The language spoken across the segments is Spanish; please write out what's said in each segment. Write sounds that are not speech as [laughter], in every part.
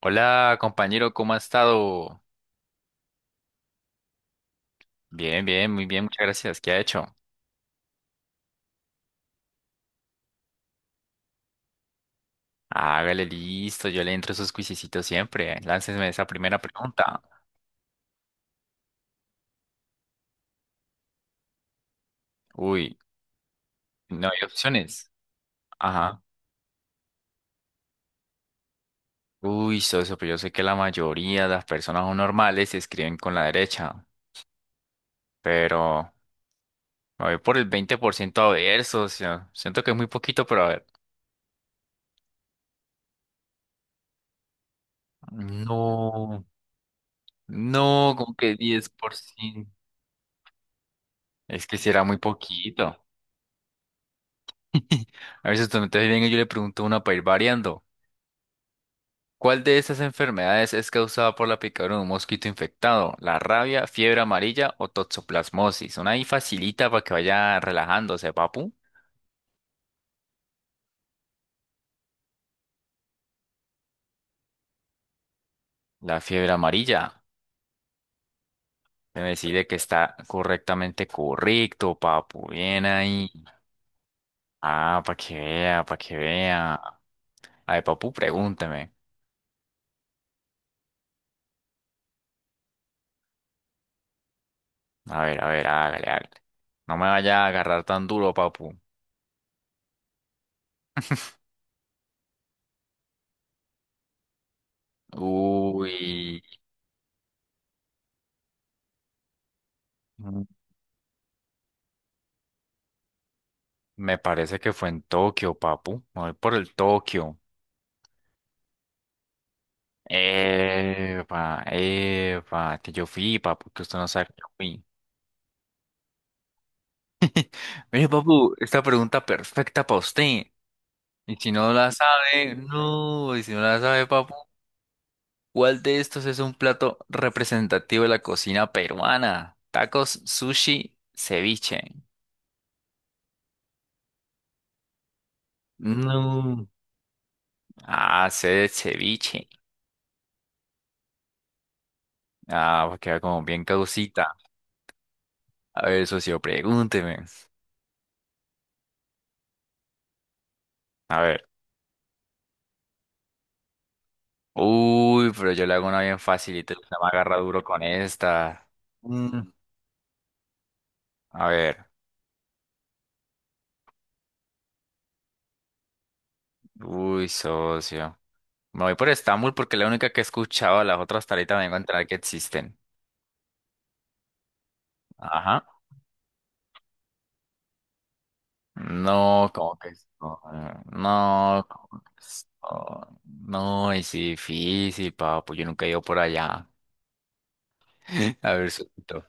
Hola, compañero, ¿cómo ha estado? Bien, bien, muy bien, muchas gracias. ¿Qué ha hecho? Hágale listo, yo le entro a sus cuisecitos siempre. Láncesme esa primera pregunta. Uy, no hay opciones. Ajá. Uy, socio, pero yo sé que la mayoría de las personas no normales escriben con la derecha, pero me voy por el 20% a ver, socio. Siento que es muy poquito, pero a ver. No, no, como que diez por ciento. Es que si era muy poquito. [laughs] A ver si usted me está bien, y yo le pregunto una para ir variando. ¿Cuál de estas enfermedades es causada por la picadura de un mosquito infectado? ¿La rabia, fiebre amarilla o toxoplasmosis? Una ahí facilita para que vaya relajándose, papu. La fiebre amarilla. Me decide que está correctamente correcto, papu. Bien ahí. Ah, para que vea, para que vea. A ver, papu, pregúnteme. A ver, hágale, hágale. No me vaya a agarrar tan duro, papu. Uy. Me parece que fue en Tokio, papu. Me voy por el Tokio. Eva, Eva, que yo fui, papu, que usted no sabe que yo fui. Mire, papu, esta pregunta perfecta para usted. Y si no la sabe, no, y si no la sabe, papu, ¿cuál de estos es un plato representativo de la cocina peruana? Tacos, sushi, ceviche. No. Ah, sé de ceviche. Ah, pues queda como bien causita. A ver, socio, pregúnteme. A ver. Uy, pero yo le hago una bien facilita, usted me agarra duro con esta. Mm, a ver, uy, socio. Me voy por Estambul porque es la única que he escuchado, las otras hasta ahorita me vengo a enterar que existen. Ajá. No, como que esto, no, no, como que esto, no, no, es difícil, papu, yo nunca he ido por allá. [laughs] A ver, socio,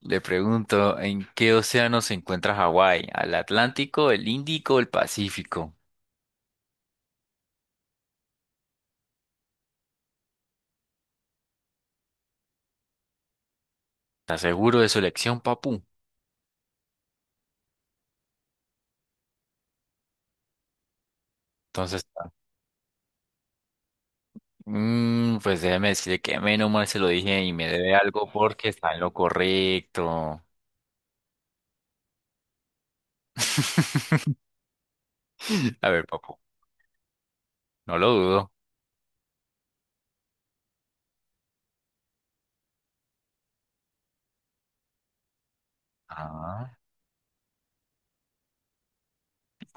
le pregunto, ¿en qué océano se encuentra Hawái? ¿Al Atlántico, el Índico, o el Pacífico? ¿Estás seguro de su elección, papu? Entonces, ah, mm, pues déjeme decirle que menos mal se lo dije y me debe algo porque está en lo correcto. [laughs] A ver, papu, no lo dudo. Ah,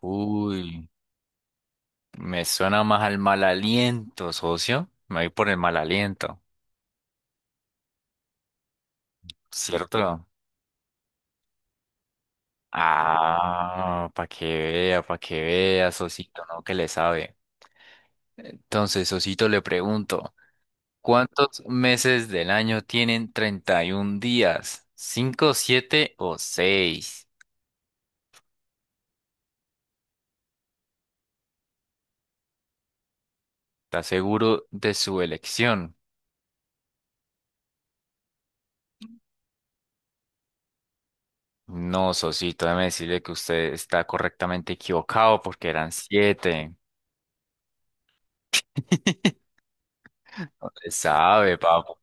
uy, me suena más al mal aliento, socio. Me voy por el mal aliento, ¿cierto? Ah, para que vea, socito, ¿no? Que le sabe. Entonces, socito, le pregunto. ¿Cuántos meses del año tienen 31 días? ¿Cinco, siete o seis? ¿Estás seguro de su elección? No, Sosito, déjeme decirle que usted está correctamente equivocado porque eran siete. [laughs] No le sabe, papu.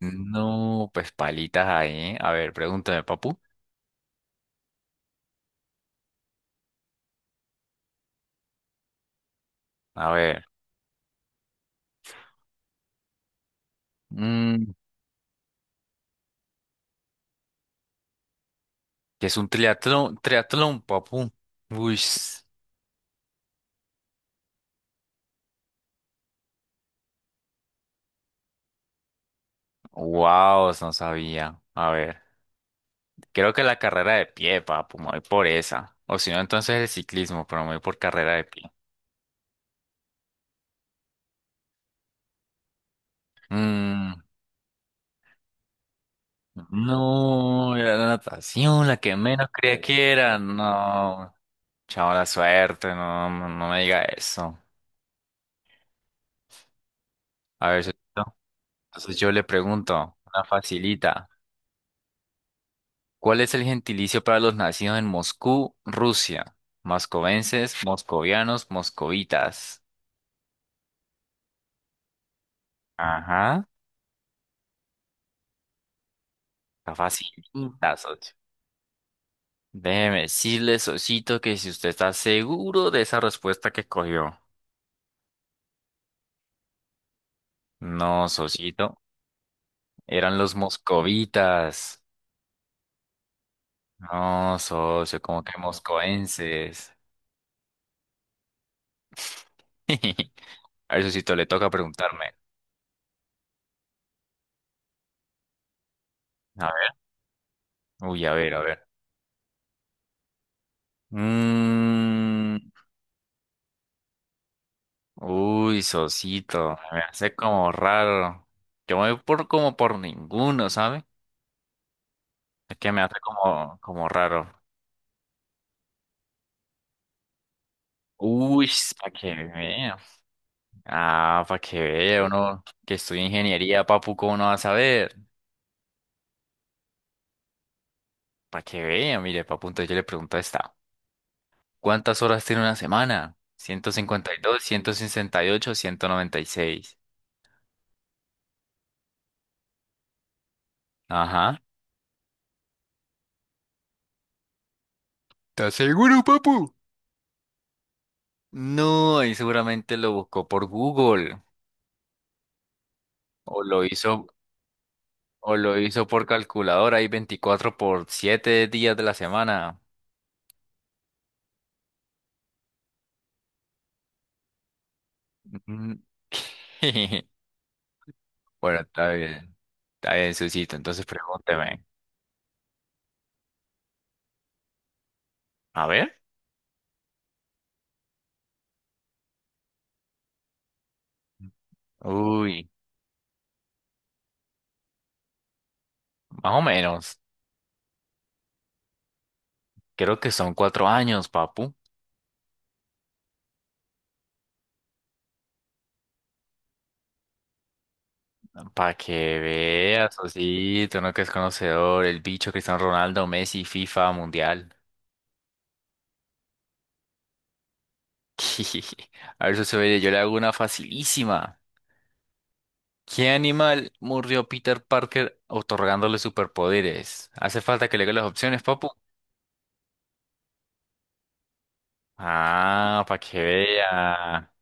No, pues palitas ahí. ¿Eh? A ver, pregúntame, papu. A ver. Mm, ¿qué es un triatlón? Triatlón, papu. Uy, wow, no sabía. A ver. Creo que la carrera de pie, papu, me voy por esa. O si no, entonces el ciclismo, pero me voy por carrera de pie. Mm, no, era la natación, la que menos creía que era. No, chao la suerte, no, no, no me diga eso. A ver, Sosito, entonces yo le pregunto, una facilita. ¿Cuál es el gentilicio para los nacidos en Moscú, Rusia? Moscovenses, moscovianos, moscovitas. Ajá, está facilita, socio. Déjeme decirle, Sosito, que si usted está seguro de esa respuesta que cogió. No, Sosito, eran los moscovitas. No, socio, como que moscoenses. [laughs] A ver, Sosito, le toca preguntarme. A ver, uy, a ver, a ver. Mm, uy, Sosito, me hace como raro. Yo me voy por como por ninguno, ¿sabe? Es que me hace como, como raro. Uy, para que vea. Ah, para que vea uno que estudia ingeniería, papu, ¿cómo no va a saber? Para que vea, mire, papu, entonces yo le pregunto esta. ¿Cuántas horas tiene una semana? Ciento cincuenta y dos, ciento sesenta y ocho, ciento noventa y seis. Ajá. ¿Estás seguro, papu? No, ahí seguramente lo buscó por Google. O lo hizo, o lo hizo por calculadora. Hay 24 por 7 días de la semana. Mm. [laughs] Bueno, está bien. Está bien, Susito. Entonces pregúnteme. A ver. Uy, más o menos. Creo que son cuatro años, papu. Para que veas, así, tú no que es conocedor, el bicho Cristiano Ronaldo, Messi, FIFA, Mundial. [laughs] A ver, socio, mire, yo le hago una facilísima. ¿Qué animal murió Peter Parker otorgándole superpoderes? ¿Hace falta que le diga las opciones, papu? Ah, para que vea.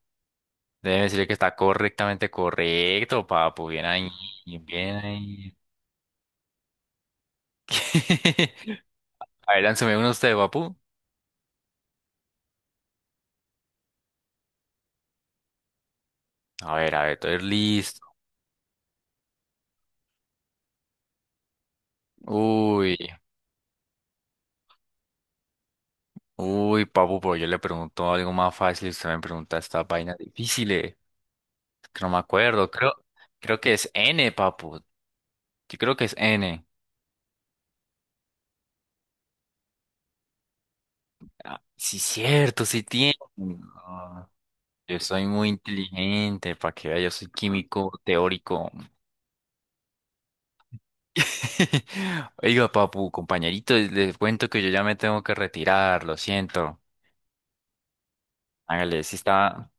Debe decirle que está correctamente correcto, papu. Bien ahí, bien ahí. [laughs] A ver, lánceme uno usted, papu. A ver, estoy listo. Uy, uy, papu, pero yo le pregunto algo más fácil y usted me pregunta esta vaina difícil. Que no me acuerdo, creo que es N, papu. Yo creo que es N. Ah, sí, cierto, sí tiene. Ah, yo soy muy inteligente, para que vea, yo soy químico teórico. [laughs] Oiga, papu, compañerito, les cuento que yo ya me tengo que retirar, lo siento. Hágale, sí está.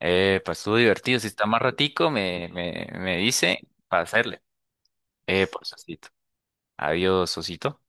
Pues estuvo divertido. Si está más ratico, me dice para hacerle. Pues, Osito. Adiós, Osito.